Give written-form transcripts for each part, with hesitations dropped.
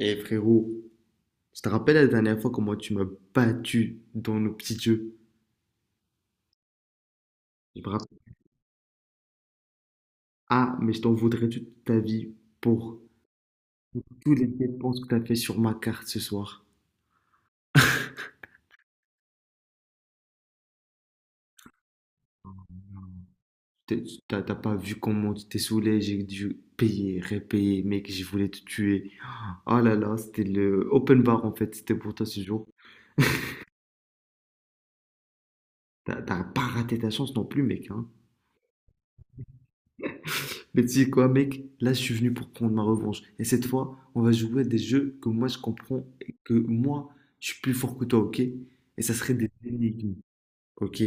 Et frérot, je te rappelle la dernière fois comment tu m'as battu dans nos petits jeux. Je me rappelle. Ah, mais je t'en voudrais toute ta vie pour toutes les dépenses que t'as fait sur ma carte ce soir. T'as pas vu comment tu t'es saoulé, j'ai dû payer, répayer, mec, je voulais te tuer. Oh là là, c'était le open bar en fait, c'était pour toi ce jour. T'as pas raté ta chance non plus, mec, hein. Mais tu sais quoi, mec? Là, je suis venu pour prendre ma revanche. Et cette fois, on va jouer à des jeux que moi, je comprends et que moi, je suis plus fort que toi, ok? Et ça serait des énigmes, ok?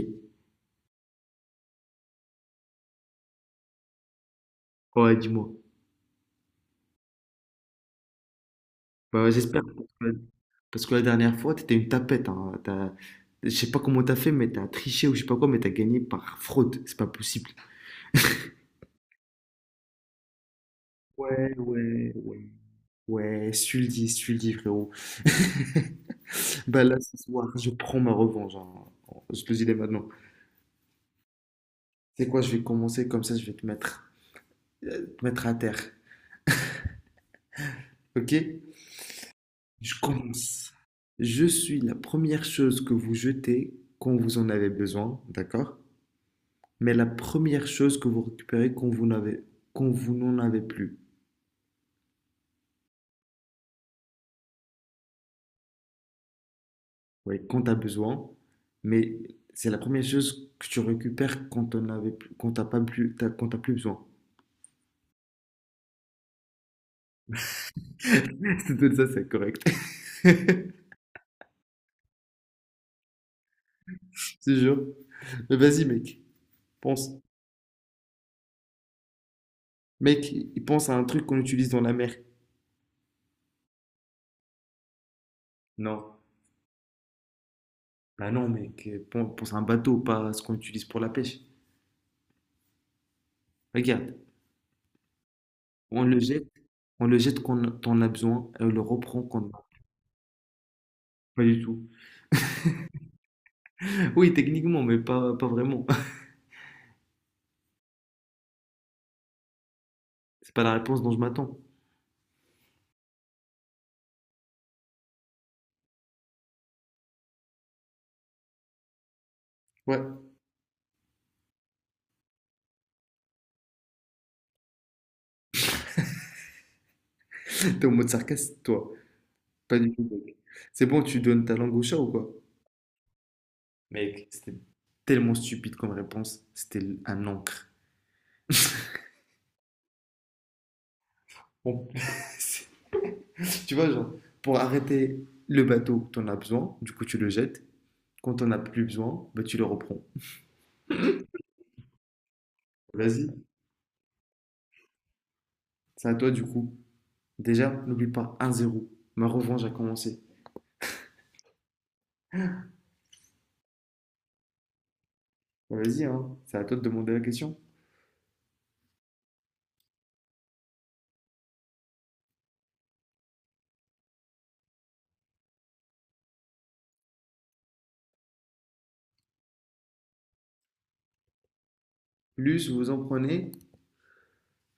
Ouais, dis-moi. Bah, j'espère. Parce que la dernière fois, t'étais une tapette. Hein. Je sais pas comment t'as fait, mais t'as triché ou je sais pas quoi, mais t'as gagné par fraude. C'est pas possible. Ouais, ouais, ouais. Ouais, Sully, Sully, frérot. Bah là, ce soir, je prends ma revanche, hein. Je te le dis dès maintenant. C'est quoi, je vais commencer comme ça, je vais te mettre à terre. Ok? Je commence. Je suis la première chose que vous jetez quand vous en avez besoin, d'accord? Mais la première chose que vous récupérez quand vous n'en avez plus. Oui, quand tu as besoin, mais c'est la première chose que tu récupères quand on avait plus, quand t'as pas plus, t'as- quand t'as plus besoin. C'est tout ça, c'est correct. C'est sûr. Mais vas-y, mec, pense. Mec, il pense à un truc qu'on utilise dans la mer. Non. Bah non, mec, pense à un bateau, pas à ce qu'on utilise pour la pêche. Regarde, on le jette, on le jette quand on en a besoin et on le reprend quand on en a. Pas du tout. Oui, techniquement, mais pas vraiment. C'est pas la réponse dont je m'attends. Ouais, t'es en mode sarcasme, toi. Pas du tout, mec. C'est bon, tu donnes ta langue au chat ou quoi? Mec, c'était tellement stupide comme réponse. Un encre. Bon, c'est- tu vois, genre, pour arrêter le bateau, t'en as besoin, du coup, tu le jettes. Quand t'en as plus besoin, bah, tu le reprends. Vas-y. C'est à toi du coup. Déjà, n'oublie pas 1-0. Ma revanche a commencé. Bon, vas-y, hein. C'est à toi de demander la question. Plus vous en prenez,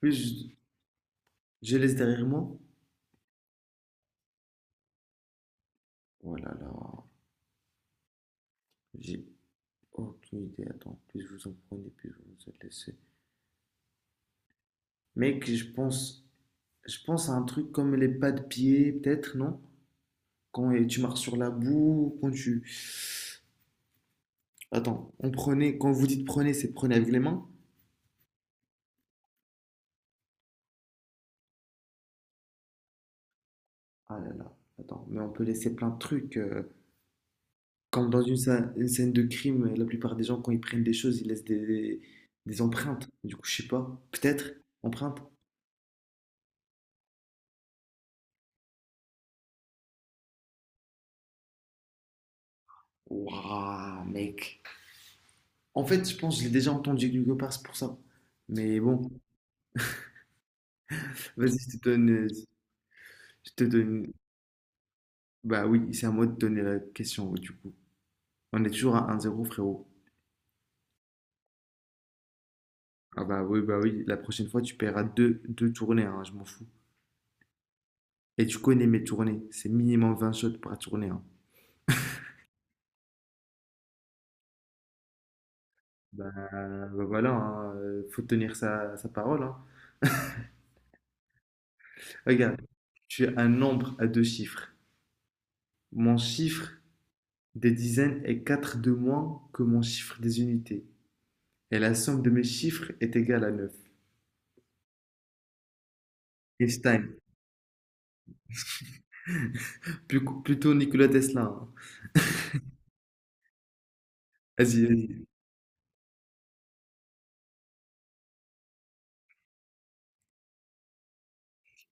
plus je laisse derrière moi. Oh là là, j'ai aucune idée. Attends, plus vous en prenez, plus vous vous êtes laissé. Mec, je pense à un truc comme les pas de pied, peut-être, non? Quand tu marches sur la boue, quand tu... Attends, on prenait, quand vous dites prenez, c'est prenez avec les mains? Ah là là, attends, mais on peut laisser plein de trucs. Comme dans une scène de crime, la plupart des gens, quand ils prennent des choses, ils laissent des empreintes. Du coup, je sais pas. Peut-être, empreintes. Waouh, mec. En fait, je pense que je l'ai déjà entendu quelque part, c'est pour ça. Mais bon, vas-y, je te donne. Je te donne. Bah oui, c'est à moi de donner la question, du coup. On est toujours à un zéro, frérot. Ah bah oui, la prochaine fois, tu paieras deux tournées, hein, je m'en fous. Et tu connais mes tournées, c'est minimum 20 shots par tournée, hein. Bah, bah voilà, hein, faut tenir sa parole, hein. Regarde, tu es un nombre à deux chiffres. Mon chiffre des dizaines est 4 de moins que mon chiffre des unités. Et la somme de mes chiffres est égale à 9. Einstein, plutôt Nikola Tesla, hein. Vas-y, vas-y.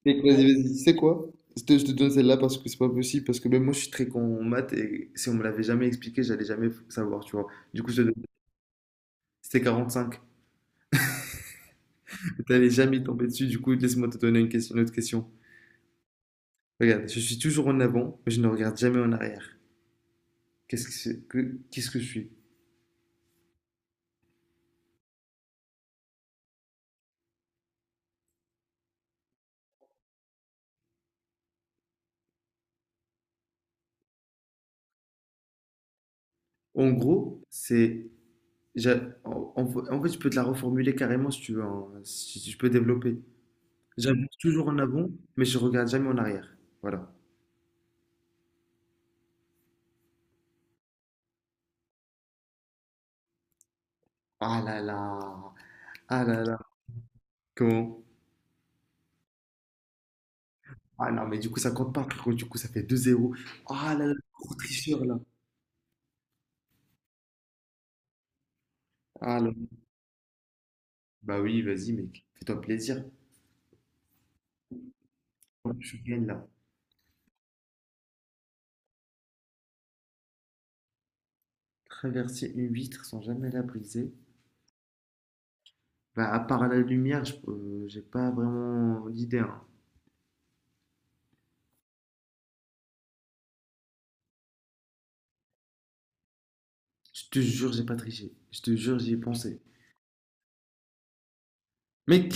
Mec, vas-y, vas-y. Tu sais quoi? Je te donne celle-là parce que c'est pas possible, parce que même moi je suis très con en maths et si on me l'avait jamais expliqué, j'allais jamais savoir, tu vois. Du coup, je te donne. C'était 45. T'allais jamais tomber dessus, du coup, laisse-moi te donner une question, une autre question. Regarde, je suis toujours en avant, mais je ne regarde jamais en arrière. Qu'est-ce que je suis? En gros, c'est. En fait, je peux te la reformuler carrément si tu veux, hein, si, si je peux développer. J'avance toujours en avant, mais je regarde jamais en arrière. Voilà. Ah là là! Ah là là! Comment? Ah non, mais du coup, ça compte pas, frérot. Du coup, ça fait deux zéro. Ah là là, gros tricheur là! Ah là là. Bah oui, vas-y, mec. Fais-toi plaisir. Je gagne là. Traverser une vitre sans jamais la briser. Bah, à part la lumière, j'ai pas vraiment d'idée, hein. Je te jure, j'ai pas triché. Je te jure, j'y ai pensé. Mec,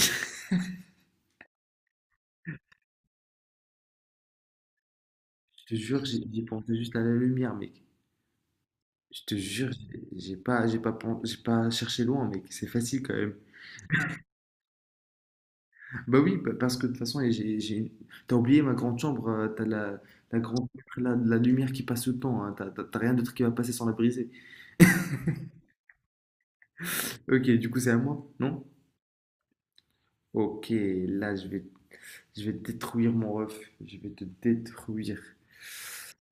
je te jure, j'y ai pensé juste à la lumière, mec. Je te jure, j'ai pas cherché loin, mec. C'est facile quand même. Bah oui, parce que de toute façon, et j'ai... t'as oublié ma grande chambre. T'as la grande, la lumière qui passe tout le temps, hein. T'as rien d'autre qui va passer sans la briser. Ok, du coup, c'est à moi, non? Ok, là, je vais détruire mon ref. Je vais te détruire.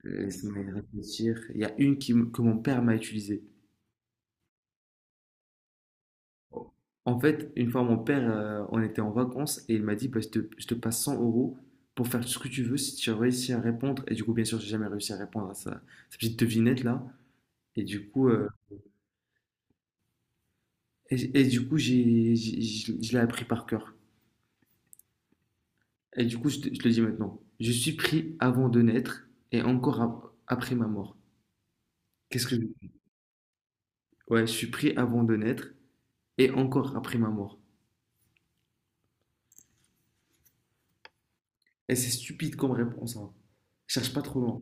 Laisse-moi y réfléchir. Il y a une que mon père m'a utilisée. En fait, une fois, mon père, on était en vacances et il m'a dit, bah, je te passe 100 euros pour faire ce que tu veux si tu réussis à répondre. Et du coup, bien sûr, j'ai jamais réussi à répondre à sa petite devinette là. Et du coup, euh, et du coup, je l'ai appris par cœur. Et du coup, je te le dis maintenant. Je suis pris avant de naître et encore après ma mort. Qu'est-ce que je... Ouais, je suis pris avant de naître et encore après ma mort. Et c'est stupide comme réponse, hein. Cherche pas trop loin.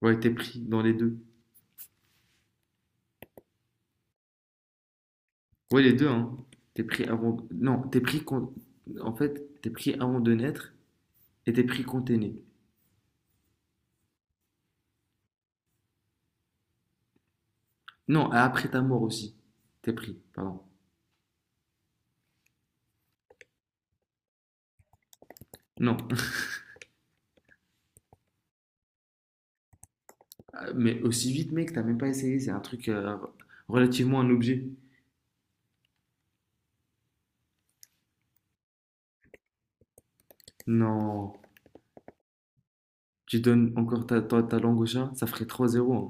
Ouais, t'es pris dans les deux. Ouais, les deux, hein. T'es pris avant. Non, t'es pris quand. En fait, t'es pris avant de naître et t'es pris quand t'es né. Non, après ta mort aussi. T'es pris, pardon. Non. Mais aussi vite, mec, t'as même pas essayé. C'est un truc relativement un objet. Non. Tu donnes encore ta langue au chat, ça ferait 3-0, hein.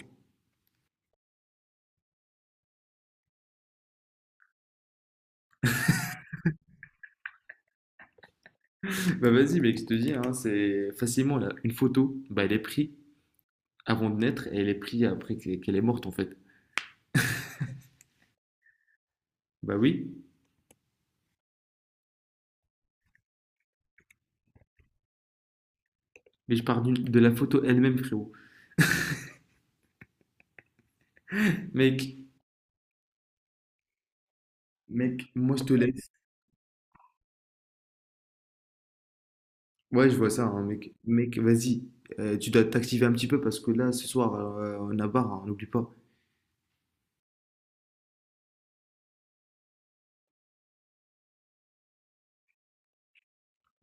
Bah vas-y, mec, je te dis, hein, c'est facilement là. Une photo, bah elle est prise avant de naître et elle est prise après qu'elle est morte en fait. Bah oui. De la photo elle-même, frérot. Mec, Mec, moi je te laisse. Ouais, je vois ça, hein, mec. Mec, vas-y. Tu dois t'activer un petit peu parce que là, ce soir, on a barre, hein, n'oublie pas.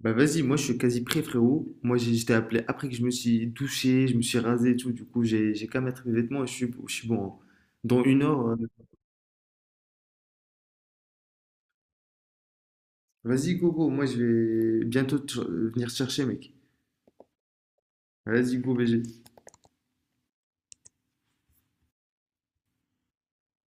Bah vas-y, moi je suis quasi prêt, frérot. Je t'ai appelé après que je me suis douché, je me suis rasé et tout. Du coup, j'ai qu'à mettre mes vêtements et je suis bon, hein. Dans une heure, euh, vas-y, go, go. Moi je vais bientôt venir te chercher, mec. Vas-y, go, BG.